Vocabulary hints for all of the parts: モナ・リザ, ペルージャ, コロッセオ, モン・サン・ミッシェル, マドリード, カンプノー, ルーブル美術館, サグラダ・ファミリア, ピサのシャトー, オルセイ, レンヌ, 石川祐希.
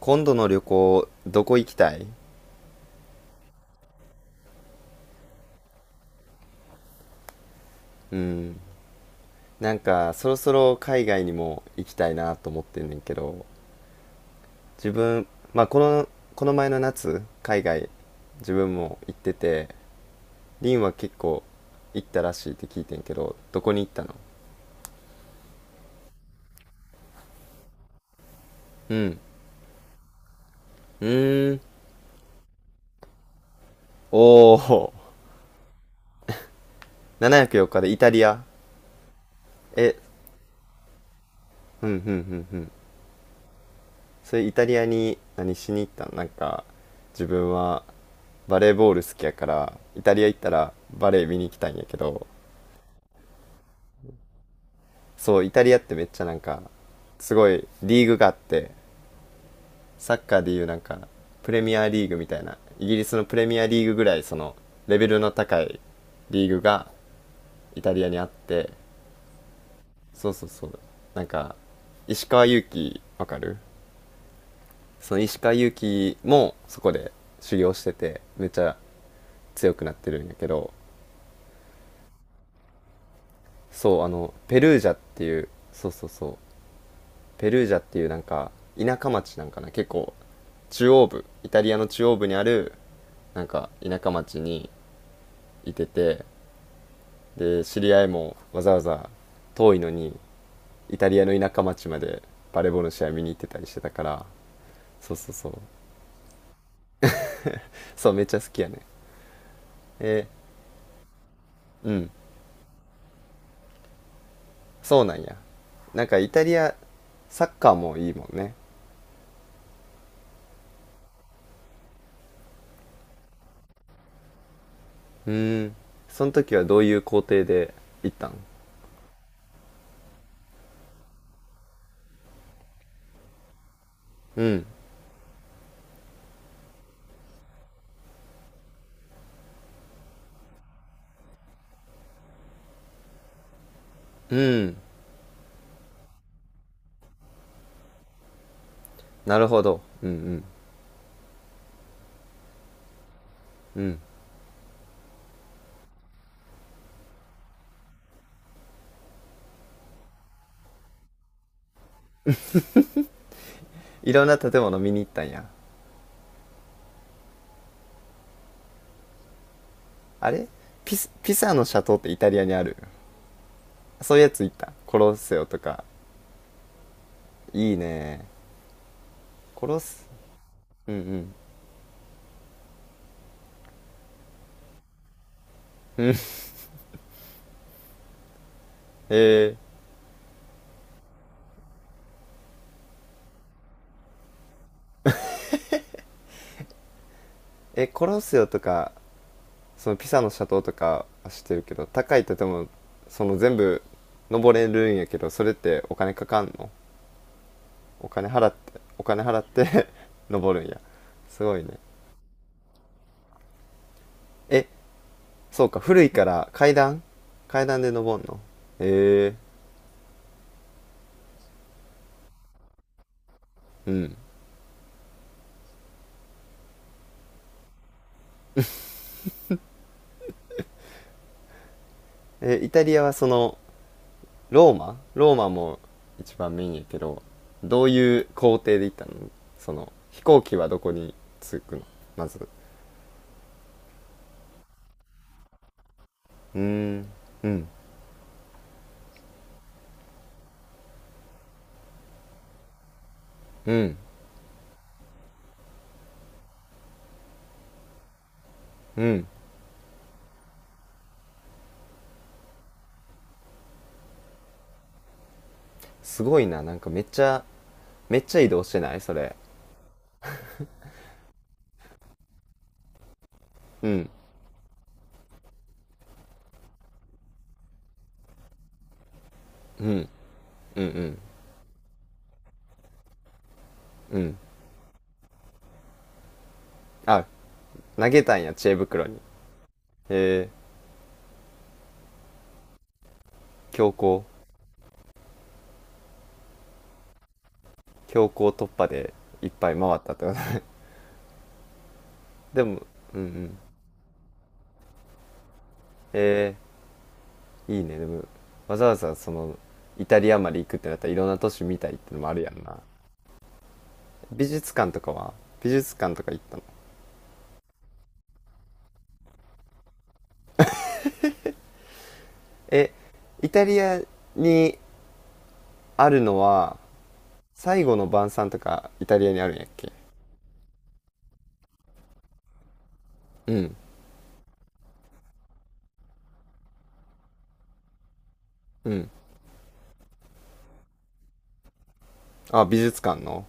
今度の旅行どこ行きたい？うんなんかそろそろ海外にも行きたいなと思ってんねんけど自分。まあこの前の夏海外自分も行ってて、リンは結構行ったらしいって聞いてんけどどこに行ったの？うん。うーん。おお。704日でイタリア？え。うんうんうんうん。それイタリアに何しに行ったの？なんか自分はバレーボール好きやからイタリア行ったらバレー見に行きたいんやけど。そうイタリアってめっちゃなんかすごいリーグがあって、サッカーでいうなんかプレミアリーグみたいな、イギリスのプレミアリーグぐらいそのレベルの高いリーグがイタリアにあって、そうそうそう、なんか石川祐希わかる？その石川祐希もそこで修行しててめっちゃ強くなってるんやけど。そうあのペルージャっていう、そうそうそう、ペルージャっていうなんか田舎町なんかな、結構中央部、イタリアの中央部にあるなんか田舎町にいてて、で知り合いもわざわざ遠いのにイタリアの田舎町までバレーボールの試合見に行ってたりしてたから、そうそうそう。そうめっちゃ好きやね。え。ーうん。そうなんや。なんかイタリアサッカーもいいもんね。うーん。その時はどういう工程で行ったん？うん。うん。なるほど。うんうん。うん。いろんな建物見に行ったんや。あれピサのシャトーってイタリアにある？そういうやつ行った。コロッセオとか。いいね。コロッセ、うんうん。えー、え、コロッセオとか、そのピサのシャトーとかは知ってるけど、高い建物、その全部登れるんやけど、それってお金かかんの？お金払って、お金払って 登るんや。すごいね。え、そうか、古いから階段、で登んの？へえ、うん。え、イタリアはその、ローマも一番メインやけど、どういう工程で行ったの？その、飛行機はどこに着くの？まず。うーん、うん、うん、うん。すごいな、なんかめっちゃ、めっちゃ移動してないそれ？うん、うん、うん、うん、うん。あ、投げたんや、知恵袋に。へえ、強行、強行突破でいっぱい回ったってこ。でもうんうんえいいね。でもわざわざそのイタリアまで行くってなったらいろんな都市見たいってのもあるやんな。美術館とかは美術館とか行ったの？え。イタリアにあるのは、最後の晩餐とかイタリアにあるんやっけ？うんうん。あ美術館の。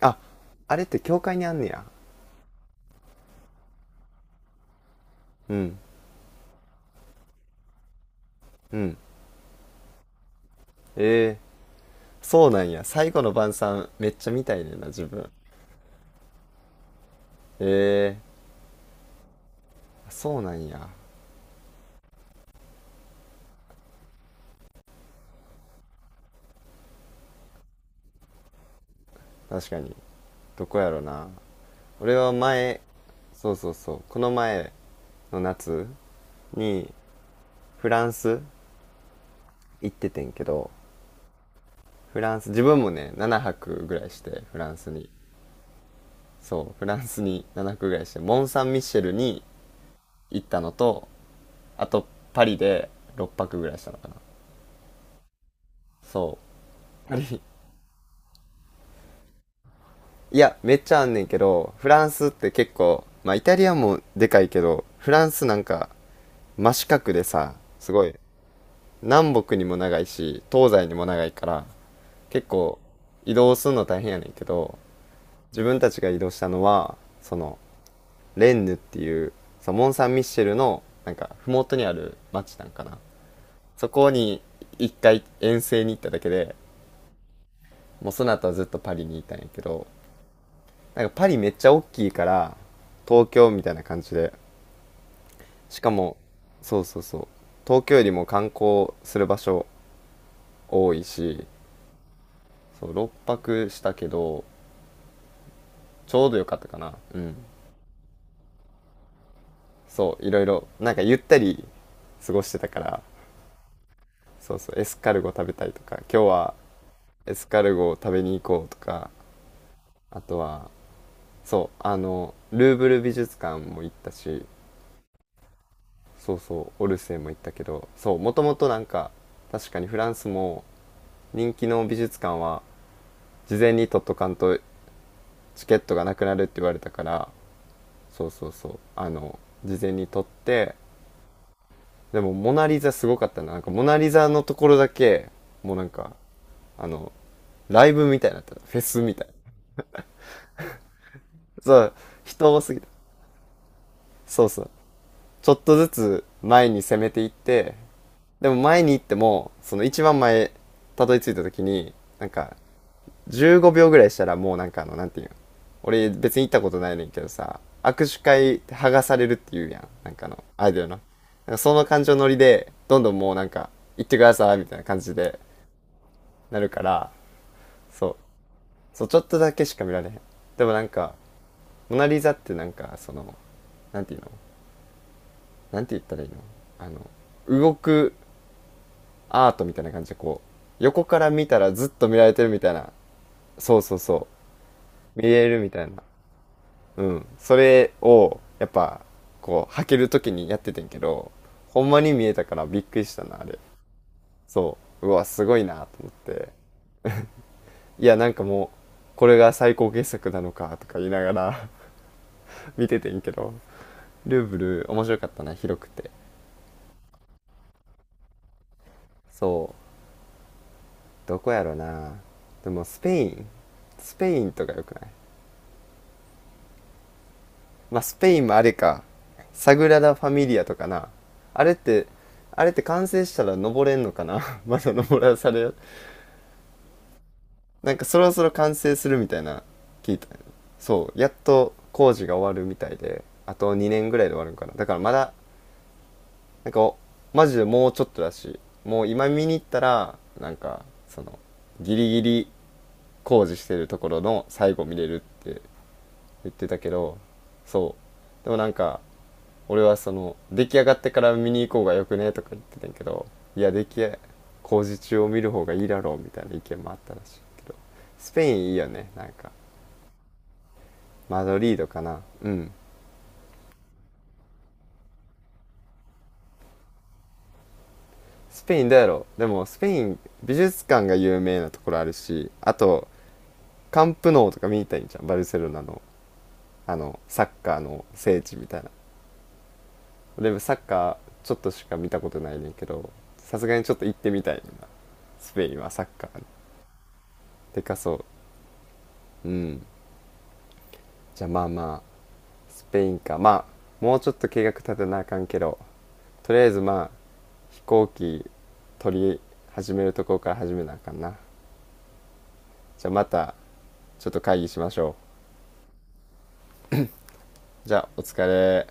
あ、あれって教会にあんねや。うんうん。えー、そうなんや。最後の晩餐めっちゃ見たいねんな自分。えー、そうなんや。確かに。どこやろな。俺は前、そうそうそう、この前の夏にフランス行っててんけど、フランス、自分もね、7泊ぐらいして、フランスに。そう、フランスに7泊ぐらいして、モン・サン・ミッシェルに行ったのと、あとパリで6泊ぐらいしたのかな。そう。パリ。いや、めっちゃあんねんけど、フランスって結構、まあイタリアもでかいけど、フランスなんか真四角でさ、すごい、南北にも長いし、東西にも長いから、結構移動するの大変やねんけど、自分たちが移動したのはその、レンヌっていう、そのモン・サン・ミッシェルのなんか麓にある町なんかな、そこに一回遠征に行っただけで、もうその後はずっとパリにいたんやけど、なんかパリめっちゃ大きいから、東京みたいな感じで、しかも、そうそうそう、東京よりも観光する場所多いし、そう6泊したけどちょうどよかったかな。うん。そういろいろなんかゆったり過ごしてたから、そうそう、エスカルゴ食べたりとか、今日はエスカルゴを食べに行こうとか、あとはそうあのルーブル美術館も行ったし、そうそうオルセイも行ったけど、そうもともとなんか、確かにフランスも人気の美術館は事前に取っとかんとチケットがなくなるって言われたから、そうそうそう、あの事前に取って、でも「モナ・リザ」すごかったな。なんか「モナ・リザ」のところだけもうなんか、あの、ライブみたいになってた。フェスみたいな。そう、人多すぎた。そうそう。ちょっとずつ前に攻めていって、でも前に行っても、その一番前、たどり着いた時に、なんか、15秒ぐらいしたらもうなんかあの、なんていうの？俺別に行ったことないねんけどさ、握手会って剥がされるって言うやん。なんかあの、あれだよな。なんかその感情乗りで、どんどんもうなんか、行ってくださいみたいな感じでなるから、そう。そう、ちょっとだけしか見られへん。でもなんか、モナ・リザってなんかその、なんていうの？なんて言ったらいいの？あの動くアートみたいな感じで、こう横から見たらずっと見られてるみたいな、そうそうそう、見れるみたいな。うん。それをやっぱこう履ける時にやっててんけど、ほんまに見えたからびっくりしたなあれ。そう、うわすごいなと思って、いやなんかもうこれが最高傑作なのかとか言いながら 見ててんけど、ルーブル面白かったな、広くて。そう。どこやろな。でもスペインとかよくない？まあスペインもあれか、サグラダ・ファミリアとかな。あれってあれって完成したら登れんのかな まだ登らされる。なんかそろそろ完成するみたいな聞いた。そうやっと工事が終わるみたいで、あと2年ぐらいで終わるんかな。だからまだ、なんかマジでもうちょっとだし、もう今見に行ったらなんかその、ギリギリ工事してるところの最後見れるって言ってたけど、そう、でもなんか、俺はその出来上がってから見に行こうがよくね、とか言ってたんやけど、いや出来工事中を見る方がいいだろうみたいな意見もあったらしいけど。スペインいいよねなんか、マドリードかな。うん。スペインだやろ、でもスペイン美術館が有名なところあるし、あとカンプノーとか見に行たいいんじゃん、バルセロナのあのサッカーの聖地みたいな。でサッカーちょっとしか見たことないねんけど、さすがにちょっと行ってみたいな、スペインはサッカーでかそう。うん。じゃあまあまあスペインか。まあもうちょっと計画立てなあかんけど、とりあえずまあ飛行機取り始めるところから始めなあかんな。じゃあまたちょっと会議しましょう。じゃあお疲れ。